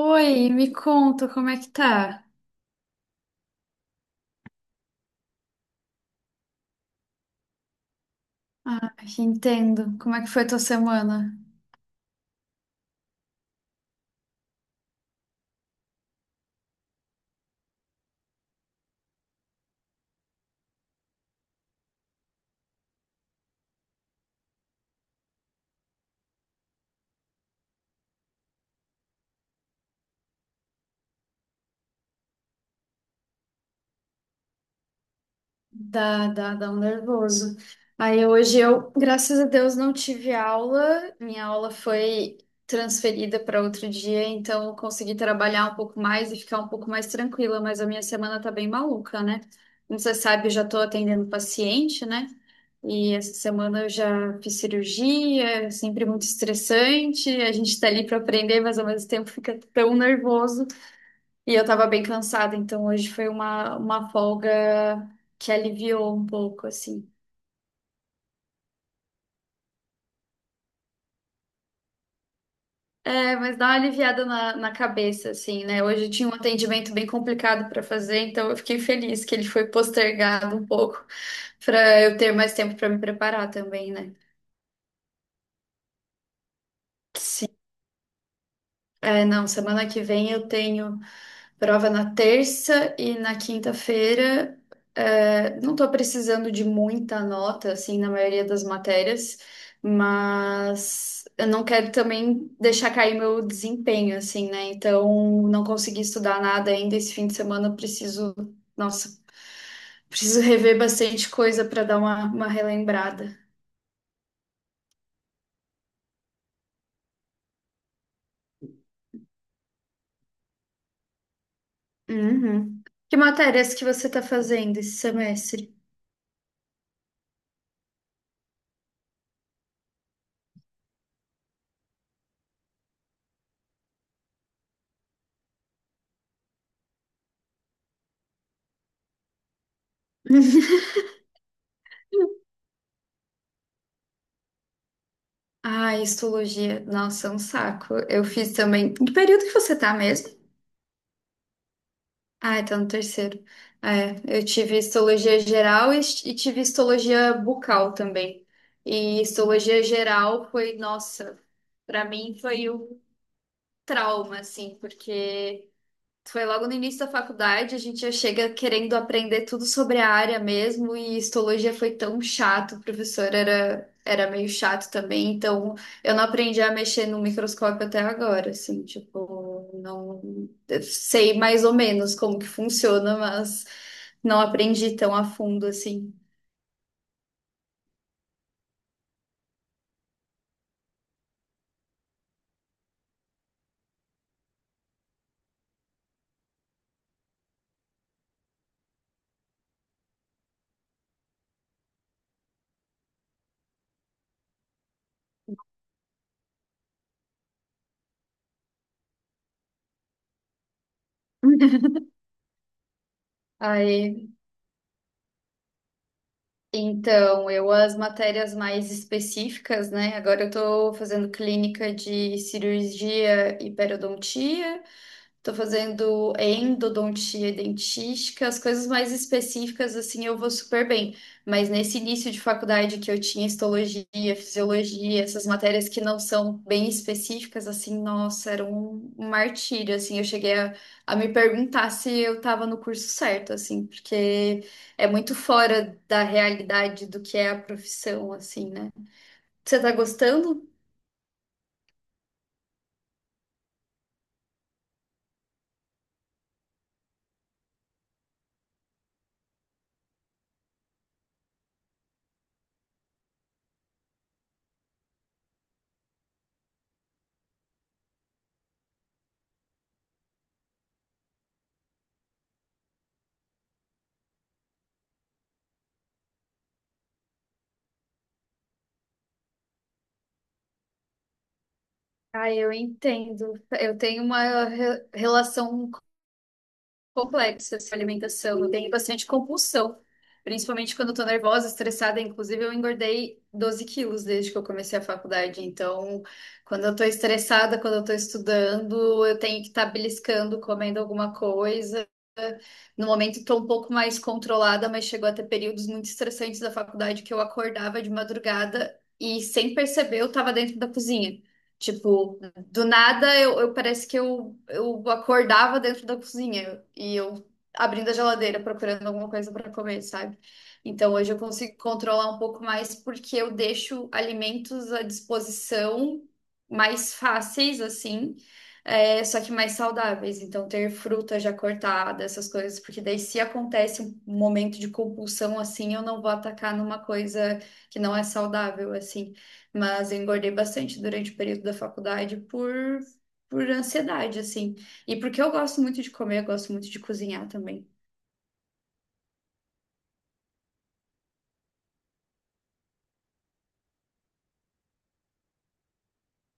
Oi, me conta como é que tá? Ah, entendo. Como é que foi tua semana? Dá um nervoso. Aí hoje eu, graças a Deus, não tive aula. Minha aula foi transferida para outro dia, então eu consegui trabalhar um pouco mais e ficar um pouco mais tranquila, mas a minha semana tá bem maluca, né? Como você sabe, eu já tô atendendo paciente, né? E essa semana eu já fiz cirurgia, é sempre muito estressante. A gente tá ali para aprender, mas ao mesmo tempo fica tão nervoso. E eu tava bem cansada, então hoje foi uma folga que aliviou um pouco, assim. É, mas dá uma aliviada na cabeça, assim, né? Hoje eu tinha um atendimento bem complicado para fazer, então eu fiquei feliz que ele foi postergado um pouco para eu ter mais tempo para me preparar também, né? É, não, semana que vem eu tenho prova na terça e na quinta-feira. É, não tô precisando de muita nota, assim, na maioria das matérias, mas eu não quero também deixar cair meu desempenho, assim, né? Então, não consegui estudar nada ainda esse fim de semana, eu preciso, nossa, preciso rever bastante coisa para dar uma relembrada. Uhum. Que matérias que você tá fazendo esse semestre? Ah, histologia. Nossa, é um saco. Eu fiz também. Que período que você tá mesmo? Ah, tá no terceiro. É, eu tive histologia geral e tive histologia bucal também. E histologia geral foi, nossa, pra mim foi um trauma, assim, porque. Foi logo no início da faculdade, a gente já chega querendo aprender tudo sobre a área mesmo, e histologia foi tão chato, o professor era, era meio chato também, então eu não aprendi a mexer no microscópio até agora, assim, tipo, não eu sei mais ou menos como que funciona, mas não aprendi tão a fundo assim. Aí, então, eu as matérias mais específicas, né? Agora eu tô fazendo clínica de cirurgia e periodontia. Tô fazendo endodontia e dentística, as coisas mais específicas, assim, eu vou super bem. Mas nesse início de faculdade que eu tinha histologia, fisiologia, essas matérias que não são bem específicas, assim, nossa, era um martírio, assim. Eu cheguei a me perguntar se eu tava no curso certo, assim, porque é muito fora da realidade do que é a profissão, assim, né? Você tá gostando? Ah, eu entendo. Eu tenho uma relação complexa essa alimentação. Eu tenho bastante compulsão, principalmente quando eu tô nervosa, estressada. Inclusive, eu engordei 12 quilos desde que eu comecei a faculdade. Então, quando eu tô estressada, quando eu tô estudando, eu tenho que estar beliscando, comendo alguma coisa. No momento, estou um pouco mais controlada, mas chegou a ter períodos muito estressantes da faculdade que eu acordava de madrugada e, sem perceber, eu estava dentro da cozinha. Tipo, do nada, parece que eu acordava dentro da cozinha e eu abrindo a geladeira procurando alguma coisa para comer, sabe? Então hoje eu consigo controlar um pouco mais porque eu deixo alimentos à disposição mais fáceis, assim, é, só que mais saudáveis. Então ter fruta já cortada, essas coisas, porque daí se acontece um momento de compulsão assim, eu não vou atacar numa coisa que não é saudável, assim. Mas eu engordei bastante durante o período da faculdade por ansiedade, assim. E porque eu gosto muito de comer, eu gosto muito de cozinhar também.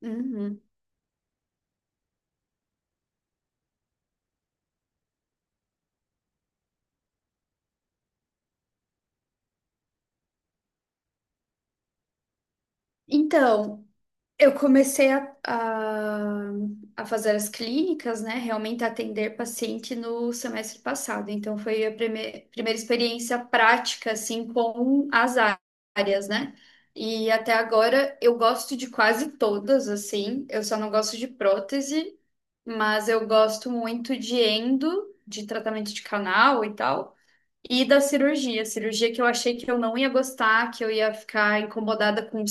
Uhum. Então, eu comecei a fazer as clínicas, né? Realmente atender paciente no semestre passado. Então, foi a primeira experiência prática, assim, com as áreas, né? E até agora eu gosto de quase todas, assim. Eu só não gosto de prótese, mas eu gosto muito de endo, de tratamento de canal e tal. E da cirurgia, cirurgia que eu achei que eu não ia gostar, que eu ia ficar incomodada com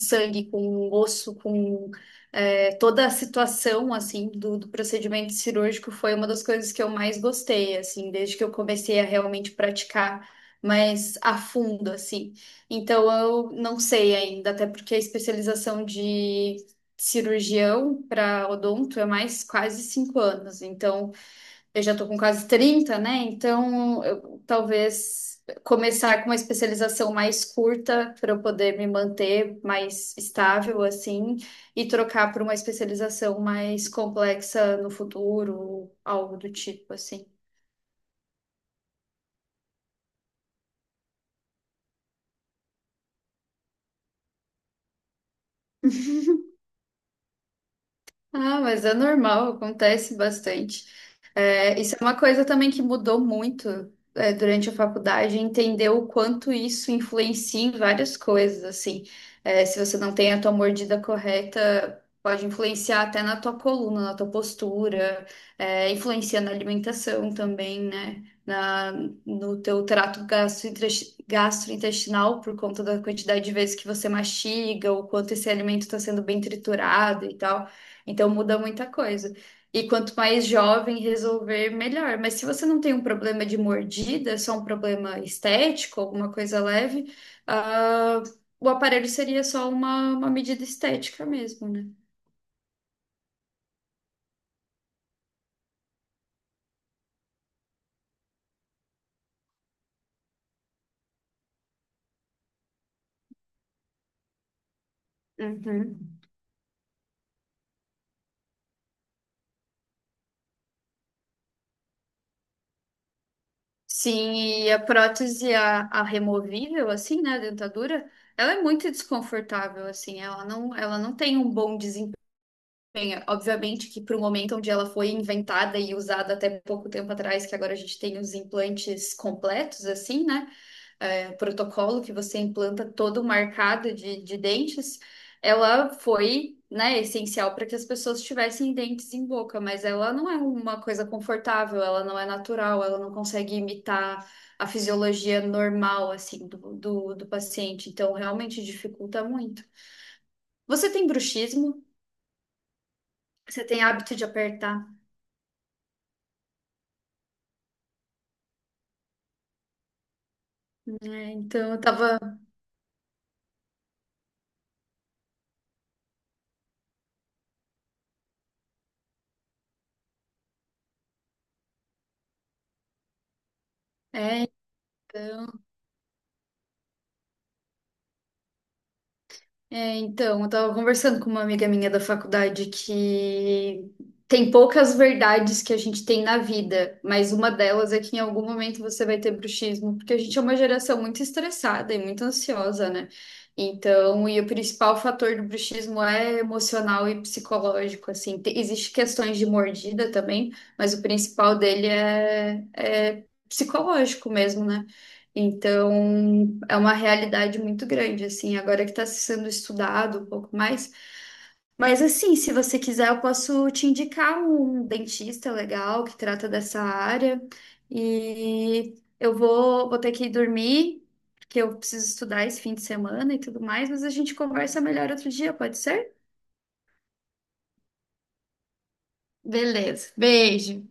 sangue, com osso, com é, toda a situação, assim, do procedimento cirúrgico foi uma das coisas que eu mais gostei, assim, desde que eu comecei a realmente praticar mais a fundo, assim. Então, eu não sei ainda, até porque a especialização de cirurgião para odonto é mais quase cinco anos, então eu já estou com quase 30, né? Então, eu, talvez começar com uma especialização mais curta para eu poder me manter mais estável, assim, e trocar por uma especialização mais complexa no futuro, algo do tipo, assim. Ah, mas é normal, acontece bastante. É, isso é uma coisa também que mudou muito, é, durante a faculdade, entender o quanto isso influencia em várias coisas, assim. É, se você não tem a tua mordida correta, pode influenciar até na tua coluna, na tua postura, é, influencia na alimentação também, né? Na, no teu trato gastrointestinal, por conta da quantidade de vezes que você mastiga, o quanto esse alimento está sendo bem triturado e tal. Então muda muita coisa. E quanto mais jovem resolver, melhor. Mas se você não tem um problema de mordida, é só um problema estético, alguma coisa leve, ah, o aparelho seria só uma medida estética mesmo, né? Uhum. Sim, e a prótese, a removível, assim, né, a dentadura, ela é muito desconfortável, assim, ela não tem um bom Bem, obviamente que para o momento onde ela foi inventada e usada até pouco tempo atrás, que agora a gente tem os implantes completos, assim, né? É, protocolo que você implanta todo marcado de dentes, ela foi, né, essencial para que as pessoas tivessem dentes em boca, mas ela não é uma coisa confortável, ela não é natural, ela não consegue imitar a fisiologia normal, assim, do paciente. Então, realmente dificulta muito. Você tem bruxismo? Você tem hábito de apertar? É, então eu tava. É, então. É, então, eu tava conversando com uma amiga minha da faculdade que tem poucas verdades que a gente tem na vida, mas uma delas é que em algum momento você vai ter bruxismo, porque a gente é uma geração muito estressada e muito ansiosa, né? Então, e o principal fator do bruxismo é emocional e psicológico, assim. Existe questões de mordida também, mas o principal dele é, é psicológico mesmo, né? Então. É uma realidade muito grande, assim, agora que está sendo estudado um pouco mais. Mas, assim, se você quiser, eu posso te indicar um dentista legal que trata dessa área. E eu vou ter que ir dormir, porque eu preciso estudar esse fim de semana e tudo mais, mas a gente conversa melhor outro dia, pode ser? Beleza. Beijo.